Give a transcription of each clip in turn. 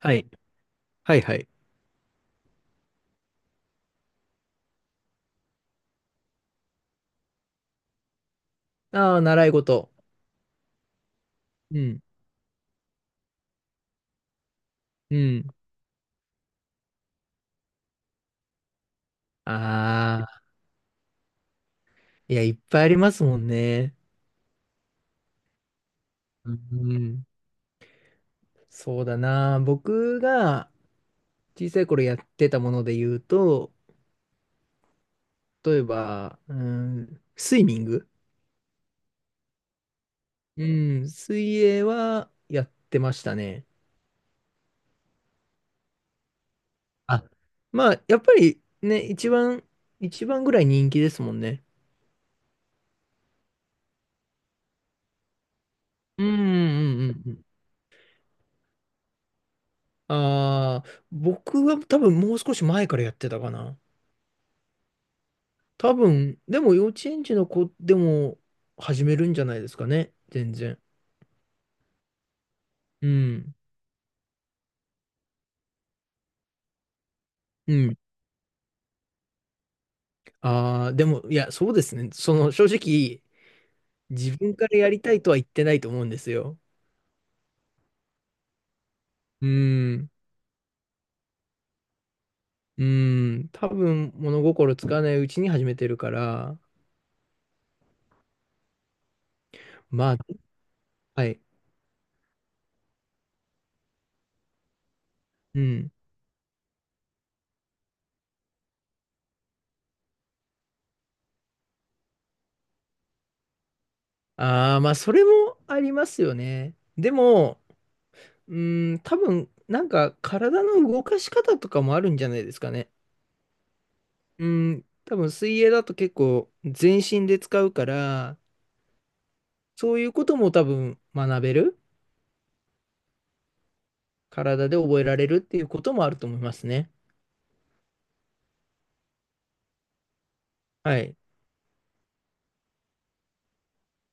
はい。はいはい。ああ、習い事。うん。うん。ああ、いや、いっぱいありますもんね。うん。そうだな。僕が小さい頃やってたもので言うと、例えば、うん、スイミング。うん、水泳はやってましたね。あ、まあ、やっぱりね、一番、一番ぐらい人気ですもんね。うんうんうんうん。ああ、僕は多分もう少し前からやってたかな。多分、でも幼稚園児の子でも始めるんじゃないですかね。全然。うん。うん。ああ、でも、いや、そうですね。その、正直、自分からやりたいとは言ってないと思うんですよ。うん。うん。多分、物心つかないうちに始めてるから、まあ、はい。うん。ああ、まあ、それもありますよね。でも、うん、多分、なんか、体の動かし方とかもあるんじゃないですかね。うん、多分水泳だと結構全身で使うから、そういうことも多分学べる、体で覚えられるっていうこともあると思いますね。はい。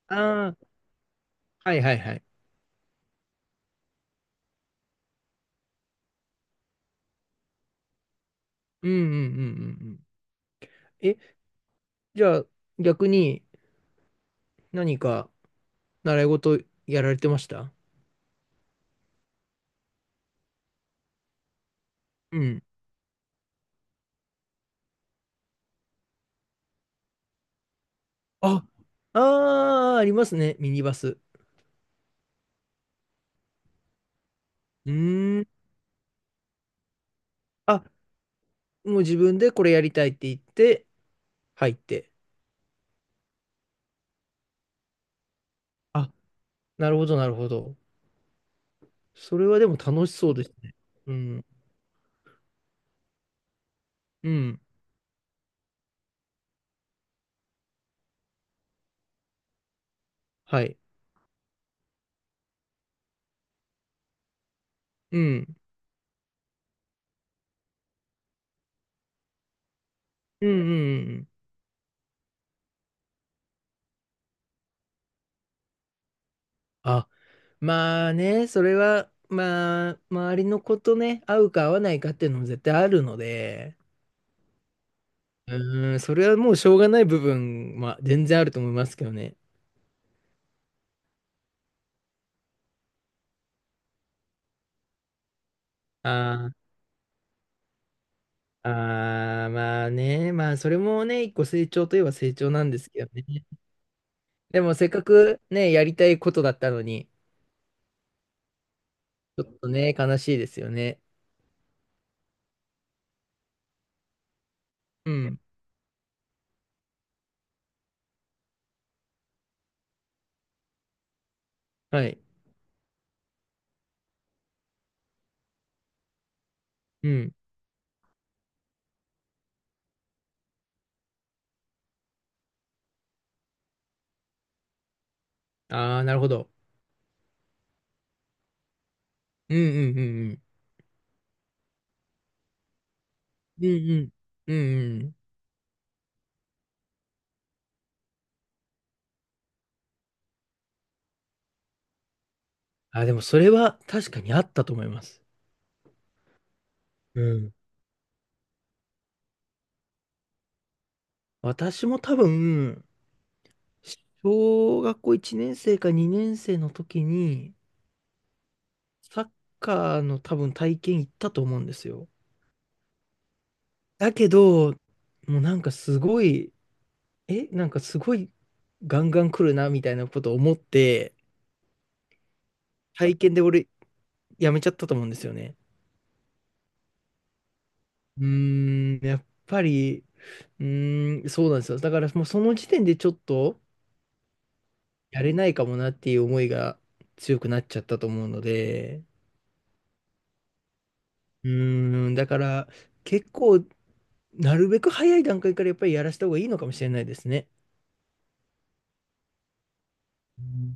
ああ、はいはいはい。うんうんうんうんうん。え、じゃあ逆に何か習い事やられてましたうん。あ、ああ、ありますね、ミニバス。うーん。あ、もう自分でこれやりたいって言って入って。あ、なるほどなるほど。それはでも楽しそうですね。うん。うん。はい。うん。うんうんうんうん。あ、まあね、それは、まあ、周りの子とね、合うか合わないかっていうのも絶対あるので、うーん、それはもうしょうがない部分は全然あると思いますけどね。あーあー、まあね、まあそれもね、一個成長といえば成長なんですけどね。でもせっかくね、やりたいことだったのに、ちょっとね、悲しいですよね。うん。はい。うん。ああ、なるほど。うんうんうんうん。うんうん。うんうん。あ、でもそれは確かにあったと思います。うん。私も多分、小学校1年生か2年生の時に、サッカーの多分体験行ったと思うんですよ。だけど、もうなんかすごい、なんかすごいガンガン来るなみたいなことを思って、体験で俺やめちゃったと思うんですよね。うーん、やっぱり、うーん、そうなんですよ。だからもうその時点でちょっとやれないかもなっていう思いが強くなっちゃったと思うので、うーん、だから結構なるべく早い段階からやっぱりやらした方がいいのかもしれないですね。うん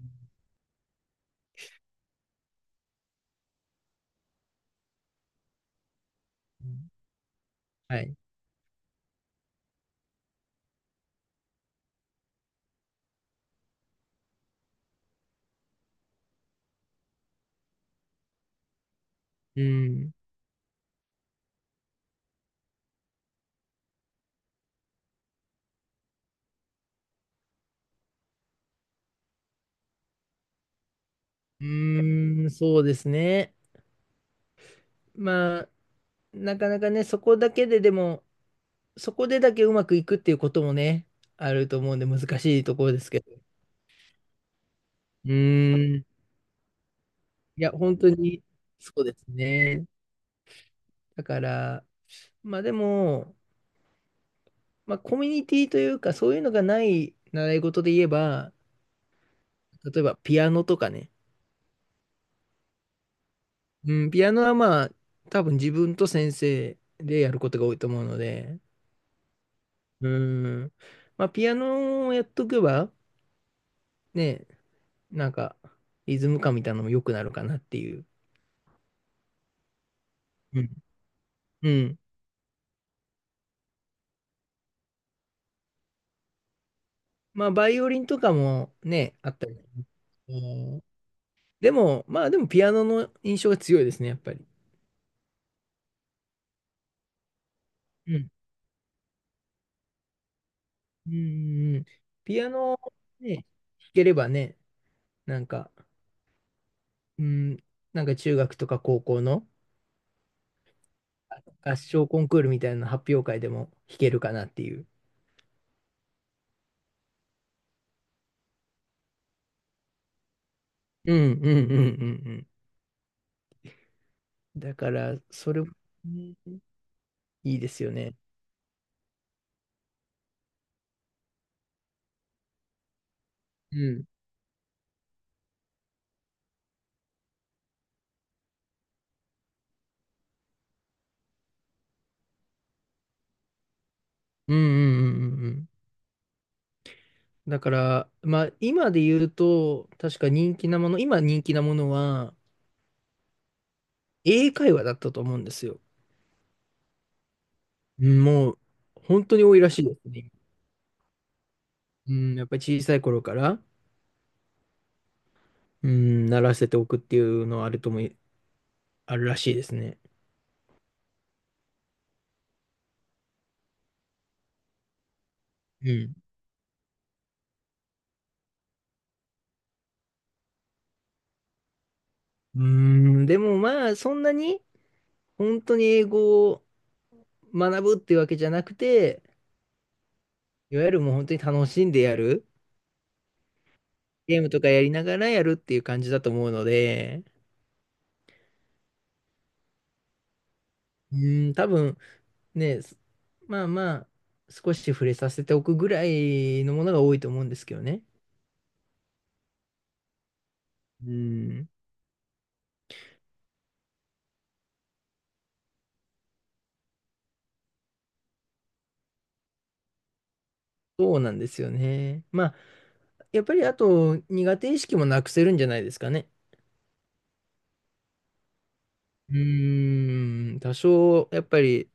はい。うん。うーん、そうですね。まあ、なかなかね、そこだけででも、そこでだけうまくいくっていうこともね、あると思うんで難しいところですけど。うーん。いや、本当にそうですね。だから、まあでも、まあコミュニティというか、そういうのがない習い事で言えば、例えばピアノとかね。うん、ピアノはまあ、多分自分と先生でやることが多いと思うので、うん、まあピアノをやっとけば、ね、なんか、リズム感みたいなのも良くなるかなっていう。うん。うん。まあ、バイオリンとかもね、あったり。うんでも、まあでもピアノの印象が強いですね、やっぱり。うん。うん。うんうんピアノね、弾ければね、なんか、うん、なんか中学とか高校の合唱コンクールみたいな発表会でも弾けるかなっていう。うんうんうんうんうん。だから、それもね、いいですよね。うん。うんうんうんうんうん。だから、まあ今で言うと、確か人気なもの、今人気なものは英会話だったと思うんですよ。うん、もう、本当に多いらしいですね。うん、やっぱり小さい頃から、うん、習わせておくっていうのはあるとも、あるらしいですね。うん。うーん、でもまあ、そんなに、本当に英語を学ぶっていうわけじゃなくて、いわゆるもう本当に楽しんでやる、ゲームとかやりながらやるっていう感じだと思うので、うーん、多分ね、すまあまあ、少し触れさせておくぐらいのものが多いと思うんですけどね。うーん、そうなんですよね。まあやっぱりあと苦手意識もなくせるんじゃないですかね。うーん、多少やっぱり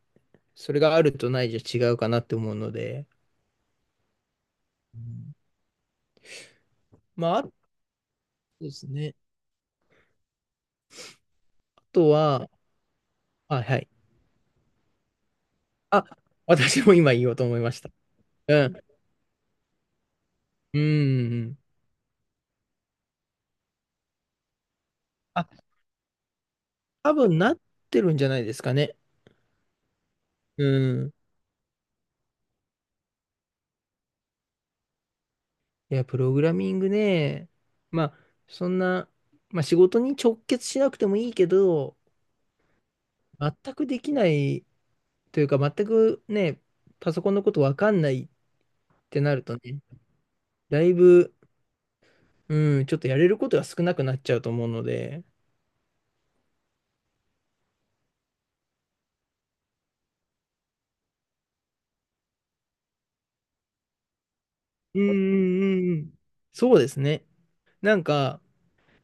それがあるとないじゃ違うかなって思うので。うんまあ、あとですね。あとは、あ、はい。あ、私も今言おうと思いました。うん。うん。あ、多分なってるんじゃないですかね。うん。いや、プログラミングね。まあ、そんな、まあ仕事に直結しなくてもいいけど、全くできないというか、全くね、パソコンのことわかんないってなるとね、だいぶ、うん、ちょっとやれることが少なくなっちゃうと思うので、うんうんうんうん。そうですね。なんか、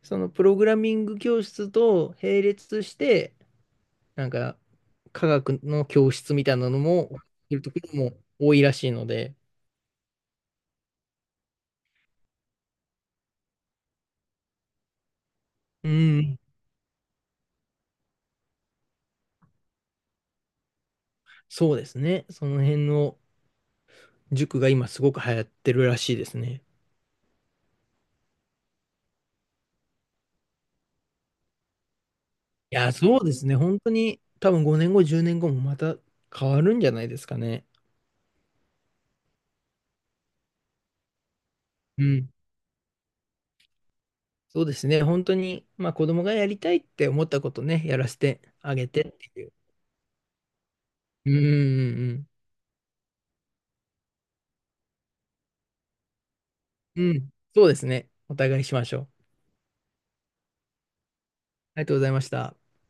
そのプログラミング教室と並列して、なんか、科学の教室みたいなのも、いるところも多いらしいので、うん、そうですね。その辺の塾が今すごく流行ってるらしいですね。いや、そうですね。本当に、多分5年後、10年後もまた変わるんじゃないですかね。うん。そうですね。本当に、まあ子供がやりたいって思ったことね、やらせてあげてっていう。うんうんうんうん。うん。そうですね。お互いしましょう。ありがとうございました。